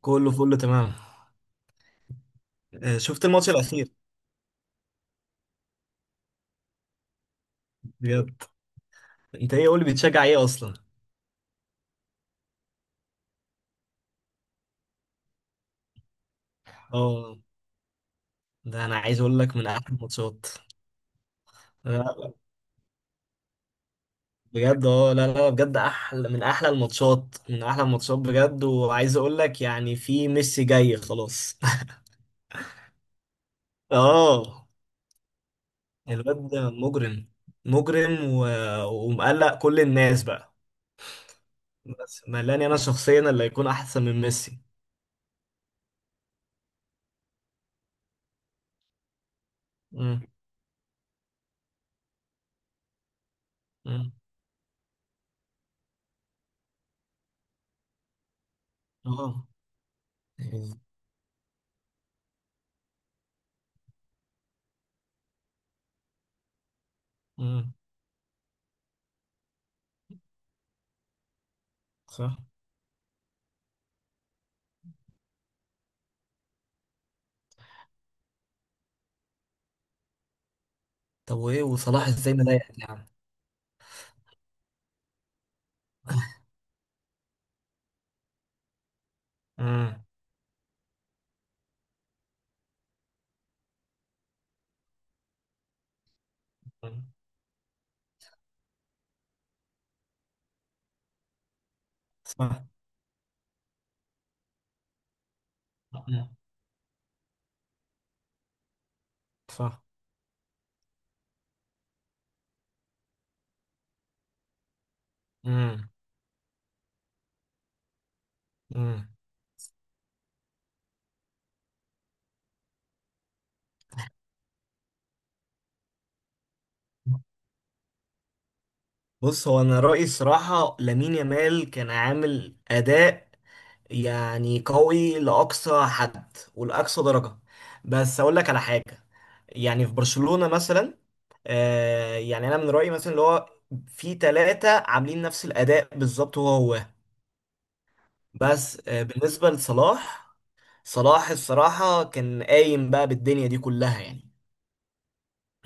كله فل تمام. آه، شفت الماتش الاخير؟ بجد، انت ايه قول لي بتشجع ايه اصلا؟ اه، ده انا عايز اقول لك من احلى الماتشات. لا، لا، بجد اه لا لا بجد احلى من احلى الماتشات من احلى الماتشات بجد، وعايز اقول لك يعني في ميسي جاي خلاص. اه، الواد ده مجرم. مجرم و... ومقلق كل الناس بقى. بس ملاني انا شخصيا اللي هيكون احسن من ميسي. امم امم اه امم. صح. طب وايه وصلاح ازاي مضايقك يا عم؟ امم. صح. مم. صح. امم امم. بص، هو انا رأيي الصراحة لامين يامال كان عامل اداء يعني قوي لاقصى حد ولاقصى درجة. بس اقول لك على حاجة، يعني في برشلونة مثلا آه يعني انا من رأيي مثلا اللي هو في ثلاثة عاملين نفس الاداء بالظبط هو هو. بس آه بالنسبة لصلاح، صلاح الصراحة كان قايم بقى بالدنيا دي كلها يعني.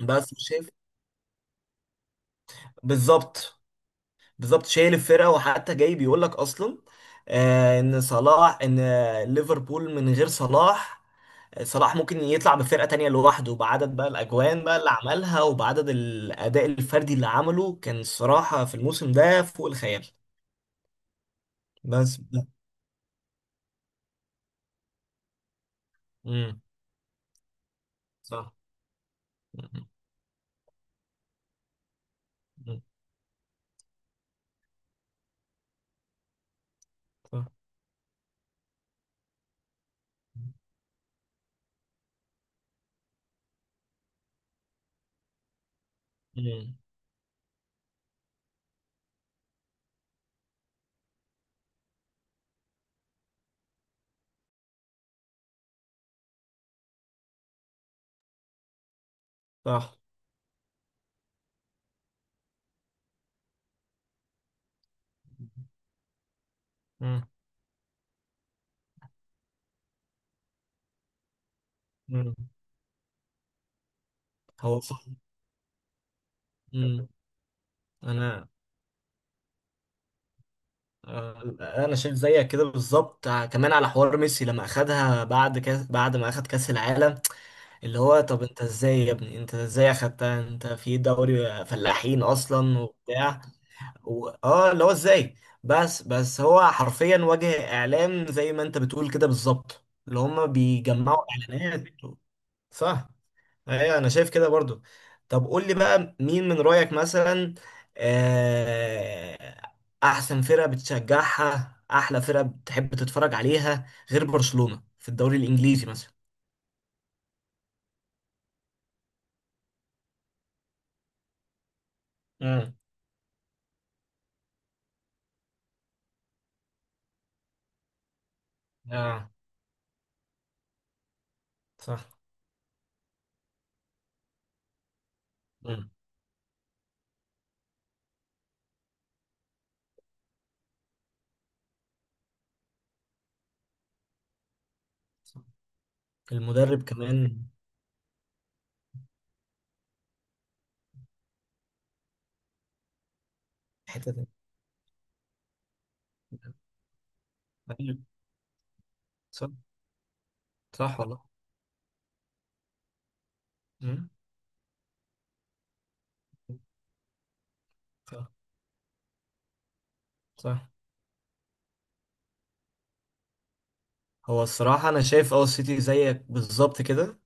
بس شايف، بالظبط، بالظبط شايل الفرقه، وحتى جاي بيقول لك اصلا آه، ان صلاح ان آه، ليفربول من غير صلاح آه، صلاح ممكن يطلع بفرقه تانية لوحده بعدد بقى الاجوان بقى اللي عملها وبعدد الاداء الفردي اللي عمله كان الصراحه في الموسم ده فوق الخيال. بس امم. صح. مم. صح. مم. صح. مم. مم. هو صح. مم. انا آه، انا شايف زيك كده بالظبط، ع- كمان على حوار ميسي لما اخدها بعد كاس بعد ما اخد كاس العالم. اللي هو طب انت ازاي يا ابني، انت ازاي اخدتها؟ انت في دوري فلاحين اصلا وبتاع و... اه اللي هو ازاي. بس بس هو حرفيا وجه اعلام زي ما انت بتقول كده بالظبط اللي هم بيجمعوا اعلانات. صح. ايوه انا شايف كده برضو. طب قول لي بقى مين من رأيك مثلا آه، احسن فرقة بتشجعها، احلى فرقة بتحب تتفرج عليها غير برشلونة في الدوري الانجليزي مثلا؟ امم. اه. صح. امم. المدرب كمان. حتة تانية. أيوة، صح. صح والله. مم. صح. صح. هو الصراحة أنا شايف أه السيتي زيك بالظبط كده.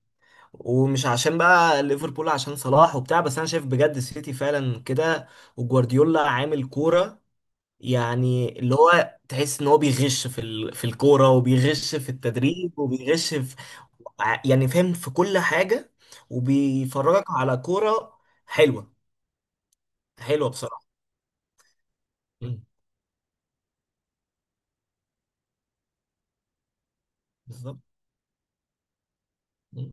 ومش عشان بقى ليفربول عشان صلاح وبتاع، بس انا شايف بجد السيتي فعلا كده. وجوارديولا عامل كورة يعني اللي هو تحس ان هو بيغش في ال... في الكورة وبيغش في التدريب وبيغش في ع- يعني فاهم في كل حاجة. وبيفرجك على كورة حلوة. حلوة بصراحة. مم. بالظبط. مم.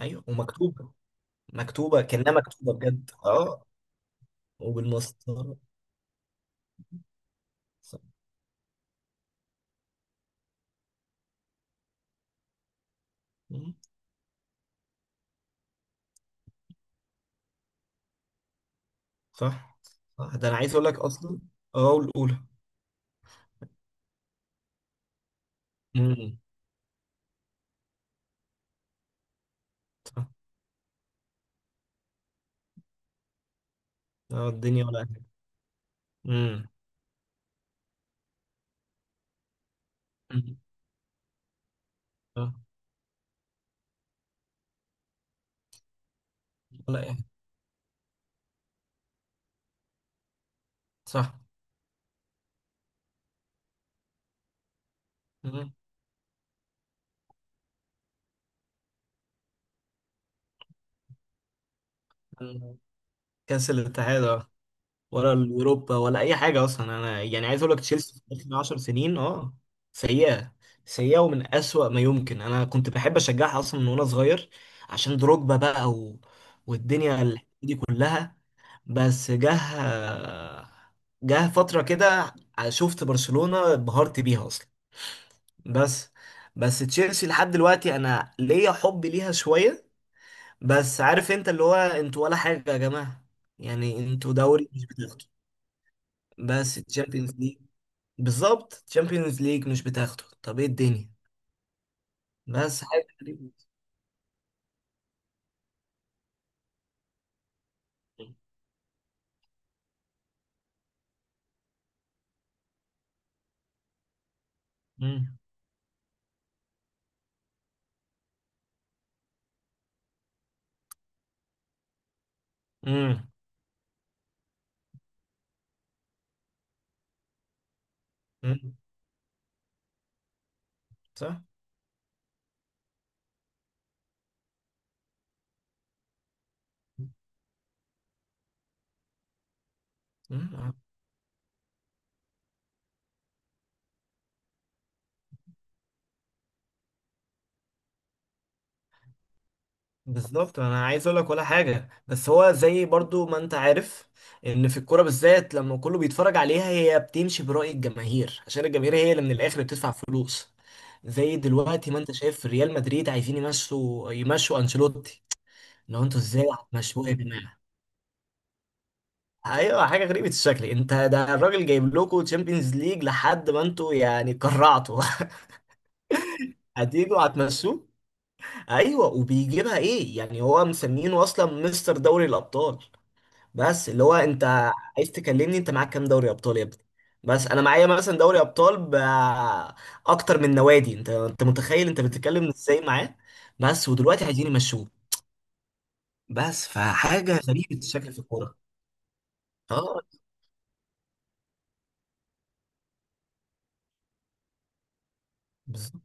ايوه ومكتوبة، مكتوبة كأنها مكتوبة بجد اه. وبالمسطرة. صح. مم. صح. صح. ده انا عايز اقول لك اصلا اه والاولى اه اه، الدنيا ولا أي حاجة. امم. أمم. اه ولا اي حاجة. صح. أمم. كاس الاتحاد اه، ولا اليوروبا ولا اي حاجة اصلا. انا يعني عايز اقول لك تشيلسي في اخر 10 سنين اه سيئة. سيئة ومن أسوأ ما يمكن. انا كنت بحب اشجعها اصلا من وانا صغير عشان دروجبا بقى و... والدنيا ال- دي كلها. بس جه، جه فترة كده شفت برشلونة انبهرت بيها اصلا. بس بس تشيلسي لحد دلوقتي انا ليا حب ليها شويه. بس عارف انت اللي هو انتوا ولا حاجه يا جماعه؟ يعني انتوا دوري مش بتاخده، بس تشامبيونز ليج، بالظبط تشامبيونز ليج مش بتاخده، طب ايه الدنيا؟ بس حاجه غريبة. مم. مم. مم. صح. مم. بالظبط انا عايز اقول لك ولا حاجه، بس هو زي برضو ما انت عارف ان في الكوره بالذات لما كله بيتفرج عليها هي بتمشي برأي الجماهير عشان الجماهير هي اللي من الاخر بتدفع فلوس. زي دلوقتي ما انت شايف في ريال مدريد عايزين يمشوا، يمشوا انشيلوتي. لو انتوا ازاي هتمشوه يا جماعه؟ ايوه حاجه غريبه الشكل. انت ده الراجل جايب لكم تشامبيونز ليج لحد ما انتوا يعني كرعتوا. هتيجوا هتمشوه. ايوه، وبيجيبها ايه يعني هو مسمينه اصلا مستر دوري الابطال. بس اللي هو انت عايز تكلمني انت معاك كام دوري ابطال يا ابني؟ بس انا معايا مثلا دوري ابطال ب اكتر من نوادي. انت انت متخيل انت بتتكلم ازاي معاه؟ بس ودلوقتي عايزين يمشوه. بس فحاجه غريبه الشكل في الكوره. اه بالظبط.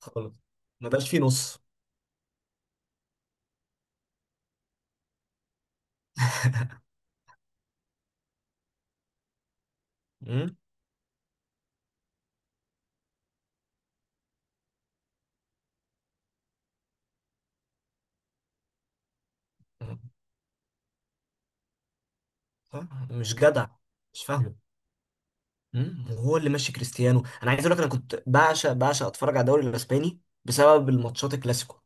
خالص. ما بقاش فيه نص. مم. آه، مش جدع. مش فاهمه. مم. وهو اللي ماشي كريستيانو، انا عايز اقول لك انا كنت بعشق بعشق اتفرج على الدوري الاسباني بسبب الماتشات الكلاسيكو،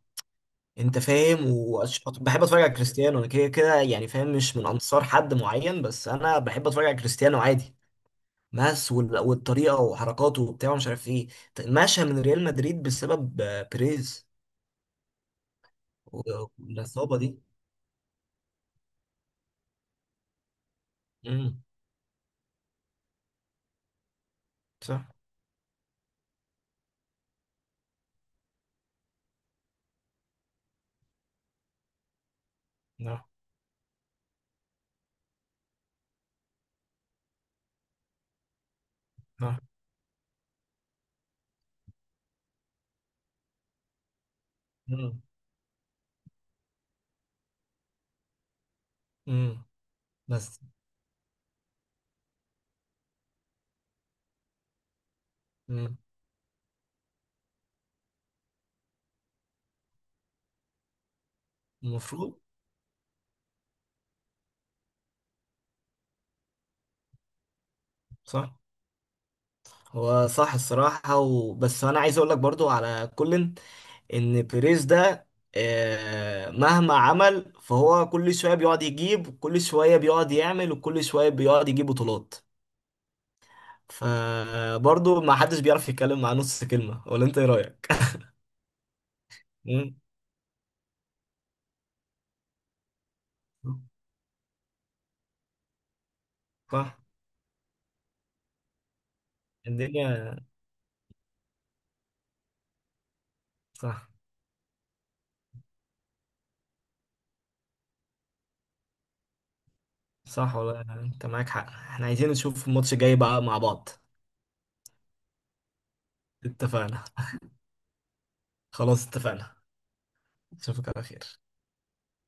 انت فاهم؟ وبحب اتفرج على كريستيانو. انا كده كده يعني فاهم مش من انصار حد معين، بس انا بحب اتفرج على كريستيانو عادي، ماس وال- والطريقه وحركاته وبتاع مش عارف ايه. مشى من ريال مدريد بسبب آه، بيريز و- والاصابه دي. امم. صح. نعم. نعم. امم. امم. بس. امم. المفروض. صح. هو صح الصراحه. وبس انا عايز اقول لك برضو على كولن ان بيريز ده آه، مهما عمل فهو كل شويه بيقعد يجيب، كل شويه بيقعد يعمل، وكل شويه بيقعد يجيب بطولات. فبرضه ما حدش بيعرف يتكلم مع نص كلمه. ولا انت ايه رايك؟ مم. صح. الدنيا. صح. صح والله انت معاك حق. احنا عايزين نشوف الماتش الجاي بقى مع بعض. اتفقنا. خلاص اتفقنا. اشوفك على خير.